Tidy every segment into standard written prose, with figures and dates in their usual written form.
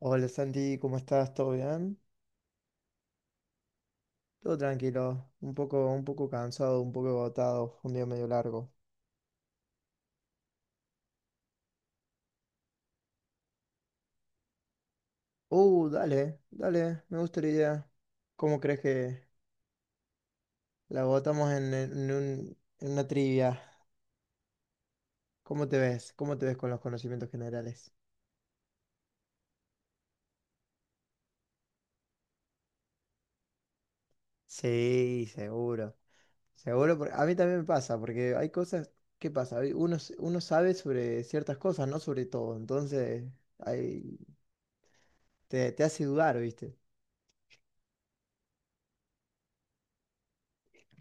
Hola Santi, ¿cómo estás? ¿Todo bien? Todo tranquilo, un poco cansado, un poco agotado, fue un día medio largo. Dale, dale, me gusta la idea. ¿Cómo crees que la agotamos en una trivia? ¿Cómo te ves? ¿Cómo te ves con los conocimientos generales? Sí, seguro, seguro, porque a mí también me pasa, porque hay cosas, ¿qué pasa? Uno sabe sobre ciertas cosas, no sobre todo, entonces ahí te hace dudar, ¿viste?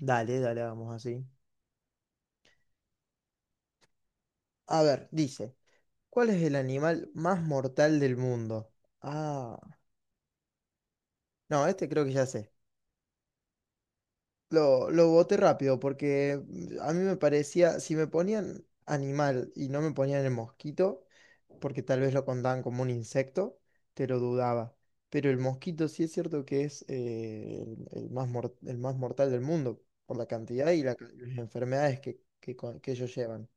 Dale, dale, vamos así. A ver, dice, ¿cuál es el animal más mortal del mundo? Ah, no, este creo que ya sé. Lo boté rápido porque a mí me parecía, si me ponían animal y no me ponían el mosquito, porque tal vez lo contaban como un insecto, te lo dudaba. Pero el mosquito sí es cierto que es el más mortal del mundo por la cantidad y las enfermedades que ellos llevan.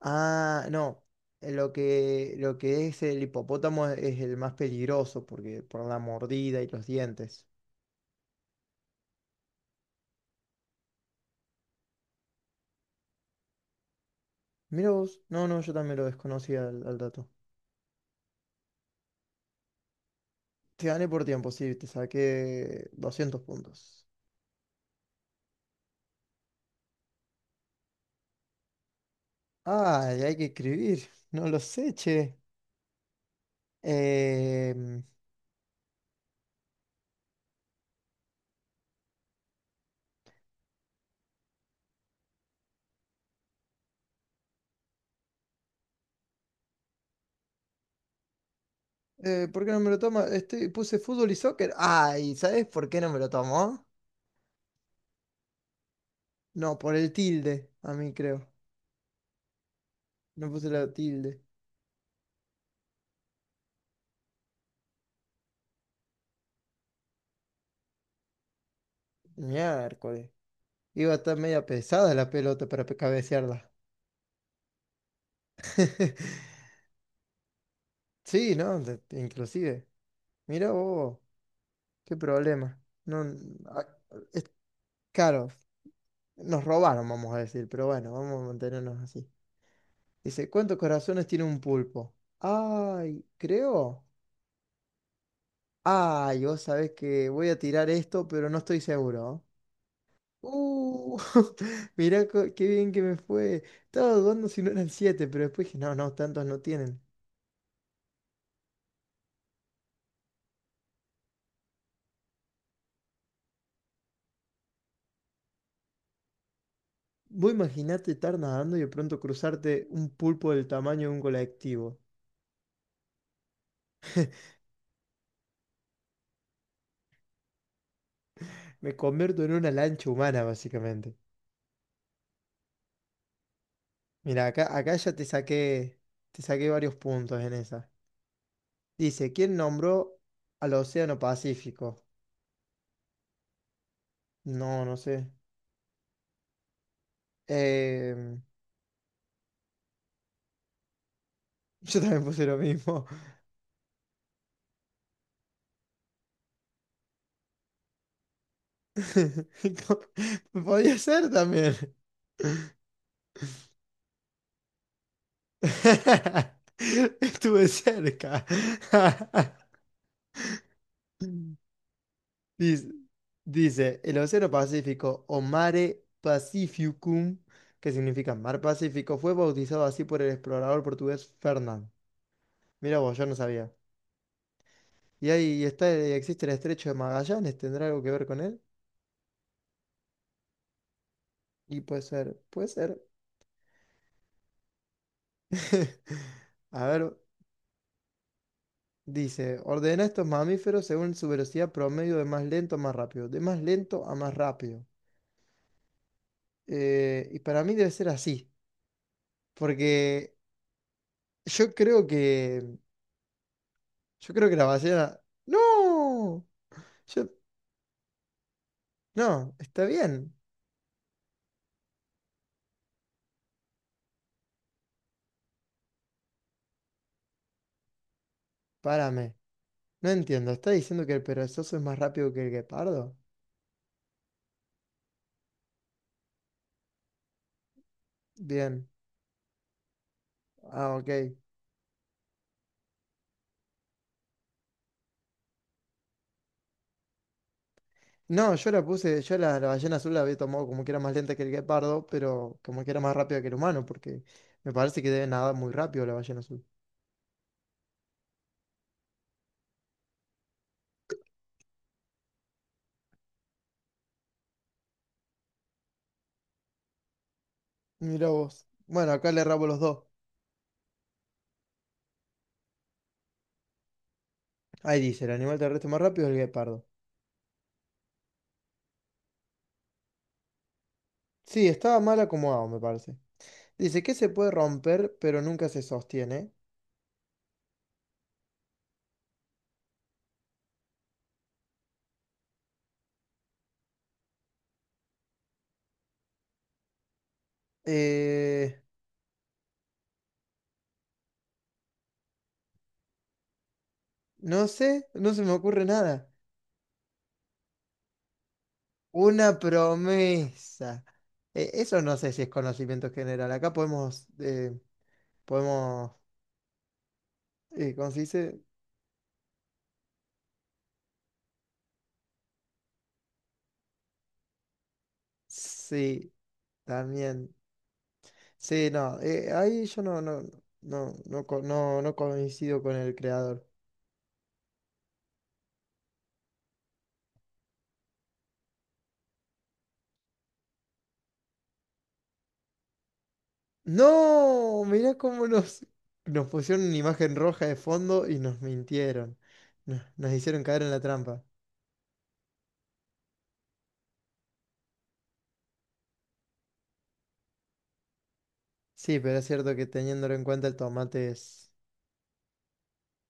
Ah, no. Lo que es el hipopótamo es el más peligroso porque por la mordida y los dientes. Mira vos. No, no, yo también lo desconocía al dato. Te gané por tiempo, sí, te saqué 200 puntos. Ah, y hay que escribir. No lo sé, che. Em, ¿por qué no me lo toma? Estoy, puse fútbol y soccer. Ay, ¿sabes por qué no me lo tomó? No, por el tilde, a mí creo. No puse la tilde. Miércoles. Iba a estar media pesada la pelota para cabecearla. Sí, ¿no? Inclusive. Mira vos, qué problema. No, a- es, claro, nos robaron, vamos a decir, pero bueno, vamos a mantenernos así. Dice, ¿cuántos corazones tiene un pulpo? Ay, creo. Ay, vos sabés que voy a tirar esto, pero no estoy seguro. Uh, qué bien que me fue. Estaba dudando si no eran siete, pero después dije, no, no, tantos no tienen. Vos imaginate estar nadando y de pronto cruzarte un pulpo del tamaño de un colectivo. Me convierto en una lancha humana, básicamente. Mira, acá ya te saqué varios puntos en esa. Dice, ¿quién nombró al Océano Pacífico? No, no sé. Em, yo también puse lo mismo. Podía ser también. Estuve cerca. Dice, dice, el Océano Pacífico o Mare Pacificum, que significa Mar Pacífico, fue bautizado así por el explorador portugués Fernán. Mira vos, yo no sabía. Y ahí está, existe el Estrecho de Magallanes, ¿tendrá algo que ver con él? Y puede ser, puede ser. A ver, dice, ordena estos mamíferos según su velocidad promedio de más lento a más rápido, de más lento a más rápido. Y para mí debe ser así, porque yo creo que la ballena. ¡No! Yo... No, está bien. Párame. No entiendo. ¿Está diciendo que el perezoso es más rápido que el guepardo? Bien. Ah, ok. No, yo la puse. Yo la ballena azul la había tomado como que era más lenta que el guepardo, pero como que era más rápida que el humano, porque me parece que debe nadar muy rápido la ballena azul. Mira vos. Bueno, acá le rabo los dos. Ahí dice: el animal terrestre más rápido es el guepardo. Sí, estaba mal acomodado, me parece. Dice que se puede romper, pero nunca se sostiene. Eh. No sé, no se me ocurre nada. Una promesa. Eso no sé si es conocimiento general. Acá podemos, podemos, ¿cómo se dice? Sí, también. Sí, no, ahí yo no coincido con el creador. No, mirá cómo nos pusieron una imagen roja de fondo y nos mintieron. Nos hicieron caer en la trampa. Sí, pero es cierto que teniéndolo en cuenta el tomate es...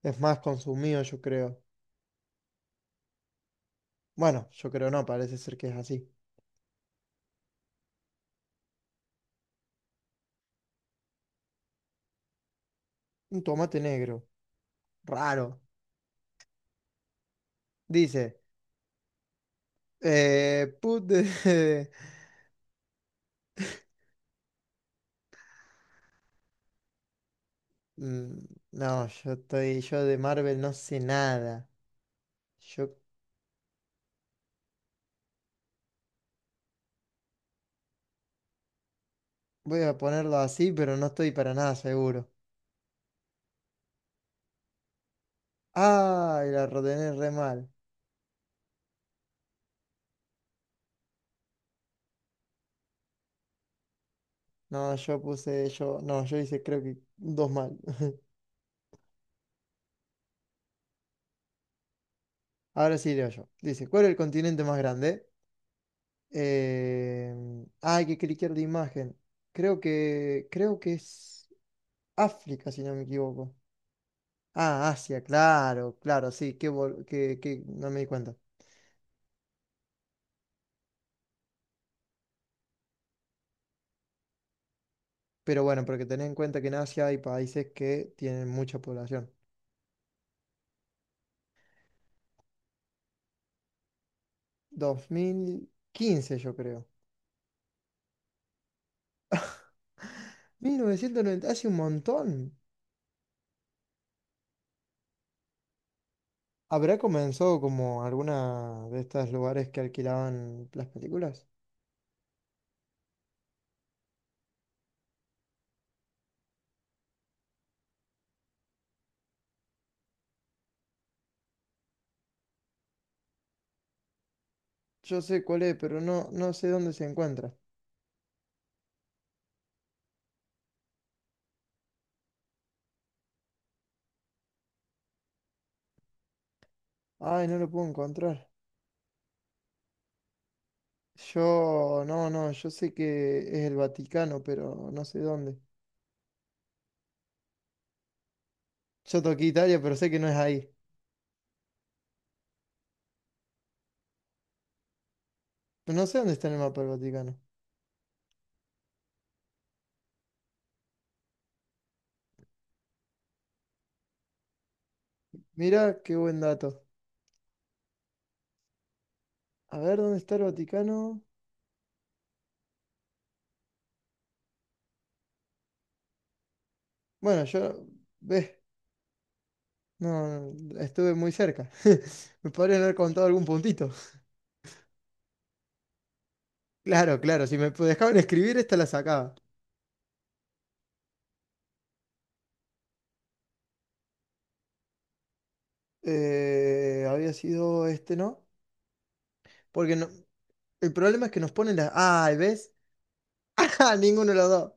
Es más consumido, yo creo. Bueno, yo creo no, parece ser que es así. Un tomate negro, raro. Dice, eh, put the- Mm, no, yo de Marvel no sé nada. Yo voy a ponerlo así, pero no estoy para nada seguro. Ay, la ordené re mal. No, yo hice creo que dos mal. Ahora sí leo yo. Dice, ¿cuál es el continente más grande? Eh, ah, hay que cliquear la imagen. Creo que es África, si no me equivoco. Ah, Asia, claro, claro, sí, que no me di cuenta. Pero bueno, porque tened en cuenta que en Asia hay países que tienen mucha población. 2015, yo creo. 1990, hace un montón. ¿Habrá comenzado como alguna de estos lugares que alquilaban las películas? Yo sé cuál es, pero no sé dónde se encuentra. Ay, no lo puedo encontrar. Yo, no, no, yo sé que es el Vaticano, pero no sé dónde. Yo toqué Italia, pero sé que no es ahí. Pero no sé dónde está en el mapa el Vaticano. Mira, qué buen dato. A ver, ¿dónde está el Vaticano? Bueno, yo, ves, no, no, estuve muy cerca. Me podrían haber contado algún puntito. Claro, claro, si me dejaban escribir, esta la sacaba. Había sido este, ¿no? Porque no, el problema es que nos ponen las... Ay, ¿ves? Ja, ninguno de los dos.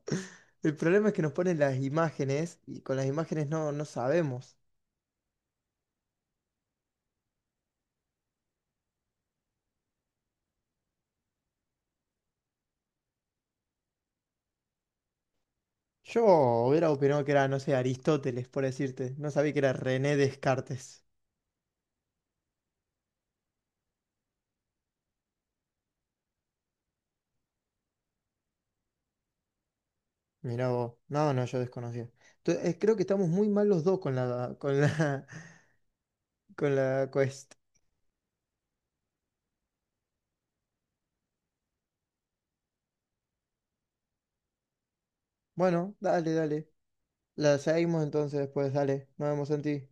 El problema es que nos ponen las imágenes y con las imágenes no, no sabemos. Yo hubiera opinado que era, no sé, Aristóteles, por decirte. No sabía que era René Descartes. Mirá vos. No, no, yo desconocía. Entonces, creo que estamos muy mal los dos con la, con la quest. Bueno, dale, dale. La seguimos entonces después, dale. Nos vemos en ti.